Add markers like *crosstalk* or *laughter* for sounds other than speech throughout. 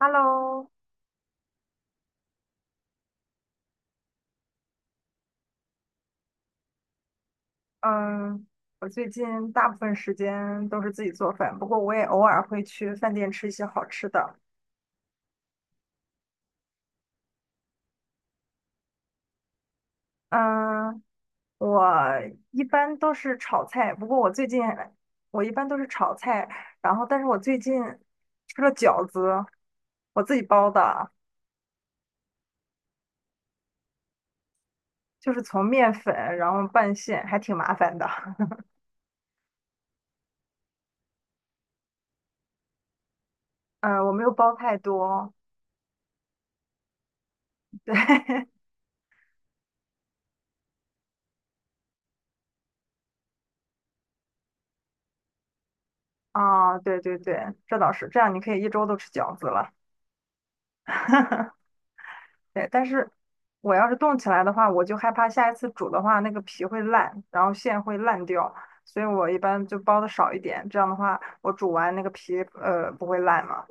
Hello，嗯，我最近大部分时间都是自己做饭，不过我也偶尔会去饭店吃一些好吃的。嗯，我一般都是炒菜，不过我最近我一般都是炒菜，然后但是我最近吃了饺子，我自己包的，就是从面粉然后拌馅，还挺麻烦的。*laughs* 嗯，我没有包太多，对，*laughs* 啊，对对对，这倒是，这样你可以一周都吃饺子了。*laughs* 对，但是我要是冻起来的话，我就害怕下一次煮的话，那个皮会烂，然后馅会烂掉，所以我一般就包的少一点。这样的话，我煮完那个皮不会烂嘛。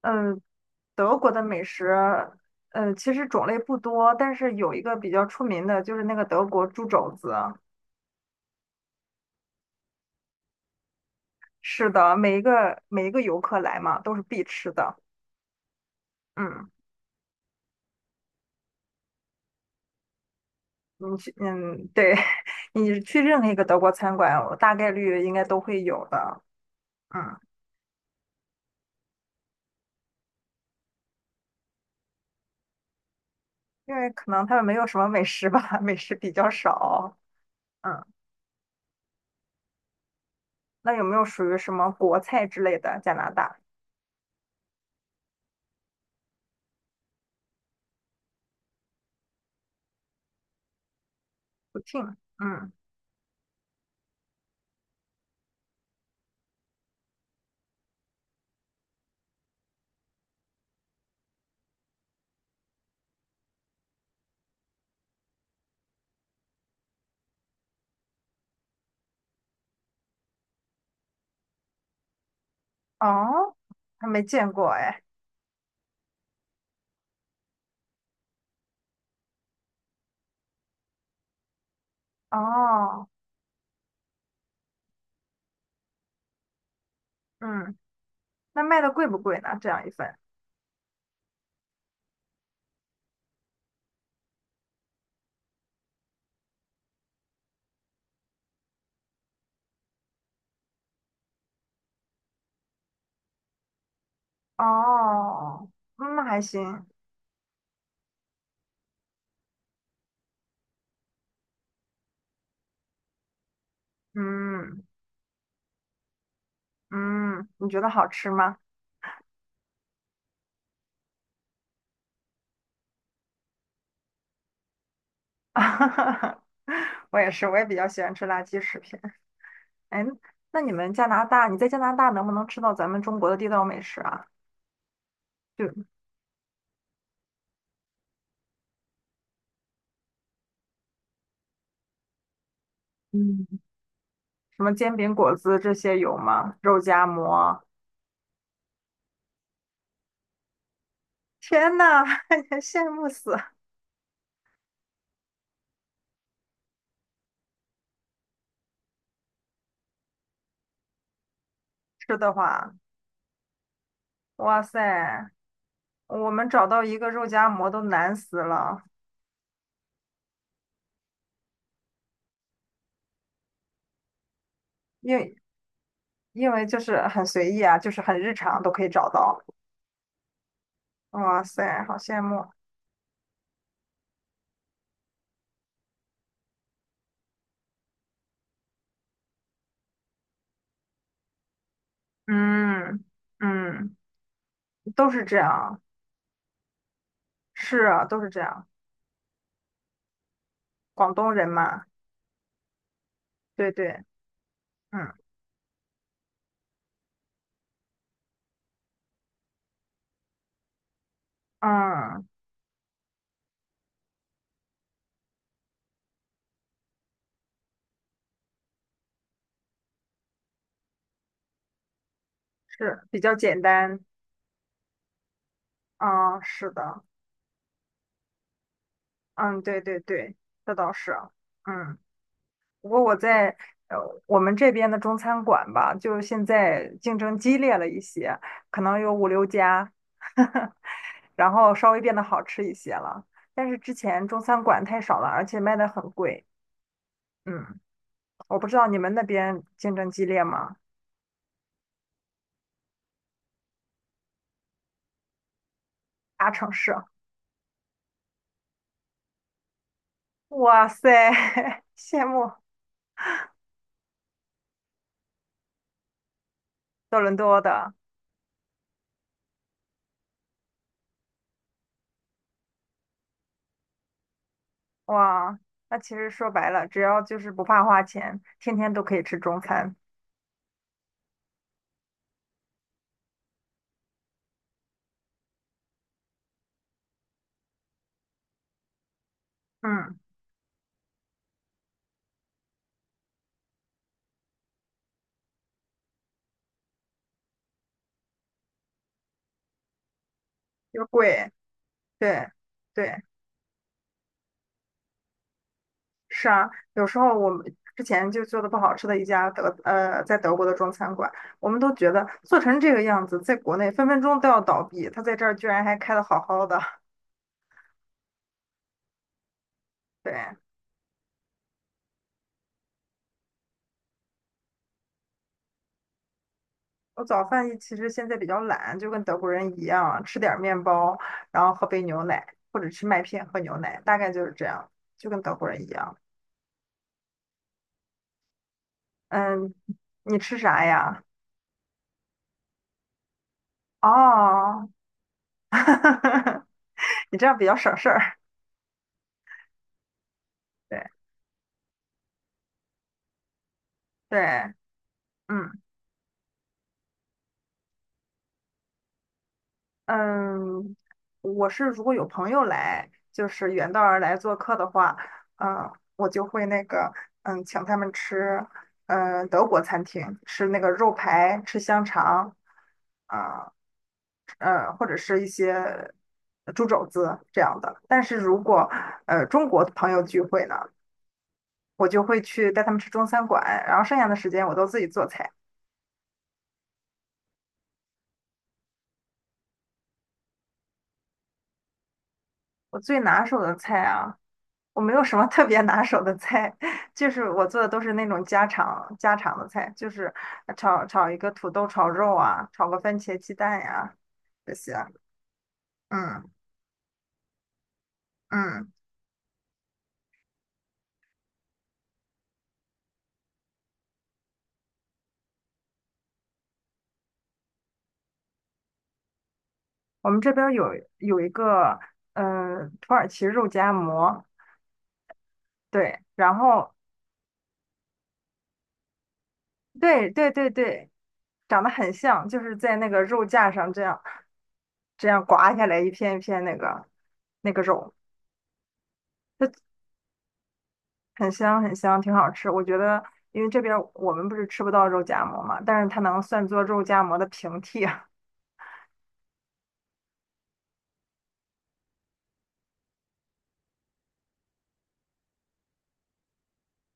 嗯，德国的美食，其实种类不多，但是有一个比较出名的就是那个德国猪肘子。是的，每一个游客来嘛，都是必吃的。嗯，你去，嗯，对，*laughs* 你去任何一个德国餐馆，我大概率应该都会有的。嗯。因为可能他们没有什么美食吧，*laughs* 美食比较少。嗯，那有没有属于什么国菜之类的？加拿大不听，嗯，哦，还没见过哎。哦，嗯，那卖的贵不贵呢？这样一份？哦，嗯那还行。嗯，嗯，你觉得好吃吗？*laughs* 我也是，我也比较喜欢吃垃圾食品。哎，那你们加拿大，你在加拿大能不能吃到咱们中国的地道美食啊？就嗯。什么煎饼果子这些有吗？肉夹馍，天呐，*laughs* 羡慕死！吃的话，哇塞，我们找到一个肉夹馍都难死了，因为因为就是很随意啊，就是很日常都可以找到。哇塞，好羡慕。嗯，嗯，都是这样，是啊，都是这样。广东人嘛，对对，嗯，嗯，是比较简单。嗯，是的，嗯，对对对，这倒是，嗯。不过我在呃我们这边的中餐馆吧，就现在竞争激烈了一些，可能有五六家，*laughs* 然后稍微变得好吃一些了。但是之前中餐馆太少了，而且卖的很贵。嗯，我不知道你们那边竞争激烈吗？大城市，哇塞，*laughs* 羡慕多伦多的哇。那其实说白了，只要就是不怕花钱，天天都可以吃中餐。嗯，又贵，对。对。是啊，有时候我们之前就做的不好吃的一家在德国的中餐馆，我们都觉得做成这个样子，在国内分分钟都要倒闭，他在这儿居然还开的好好的。*laughs* 对，我早饭一其实现在比较懒，就跟德国人一样，吃点儿面包，然后喝杯牛奶，或者吃麦片喝牛奶，大概就是这样，就跟德国人一样。嗯，你吃啥呀？哦，*laughs* 你这样比较省事儿。对对，嗯。嗯，我是如果有朋友来，就是远道而来做客的话，嗯，我就会那个，嗯，请他们吃，嗯，德国餐厅，吃那个肉排，吃香肠，啊，或者是一些猪肘子这样的。但是如果中国朋友聚会呢，我就会去带他们吃中餐馆，然后剩下的时间我都自己做菜。我最拿手的菜啊。我没有什么特别拿手的菜，*laughs* 就是我做的都是那种家常的菜，就是炒一个土豆炒肉啊，炒个番茄鸡蛋呀、这些。嗯，嗯，我们这边儿有一个嗯土耳其肉夹馍，对，然后对对对对，长得很像，就是在那个肉架上这样刮下来一片一片那个那个肉。很香很香，挺好吃。我觉得，因为这边儿我们不是吃不到肉夹馍嘛，但是它能算作肉夹馍的平替啊。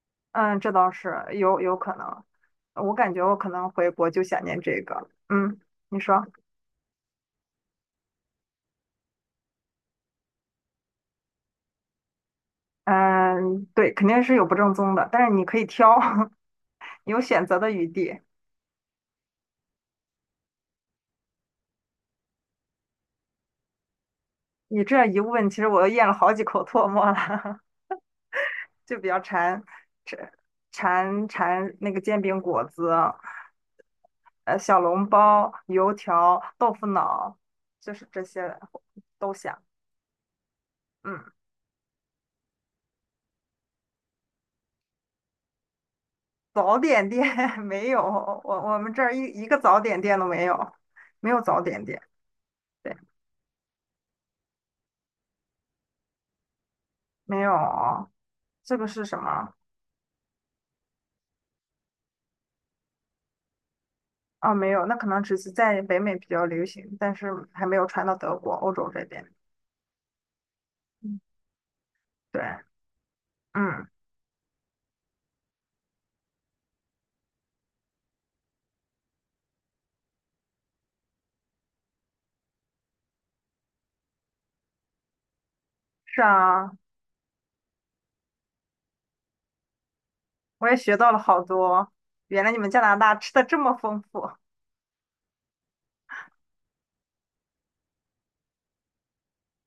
*laughs* 嗯，这倒是有可能。我感觉我可能回国就想念这个。嗯，你说，嗯，对，肯定是有不正宗的，但是你可以挑，*laughs* 有选择的余地。你这一问，其实我都咽了好几口唾沫了，*laughs* 就比较馋，馋馋那个煎饼果子。呃小笼包、油条、豆腐脑，就是这些都想。嗯，早点店 *laughs* 没有，我们这儿一个早点店都没有，没有早点店，对，没有。这个是什么？啊，没有，那可能只是在北美比较流行，但是还没有传到德国、欧洲这边。嗯，对，嗯，是啊，我也学到了好多，原来你们加拿大吃的这么丰富。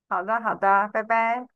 好的，好的，拜拜。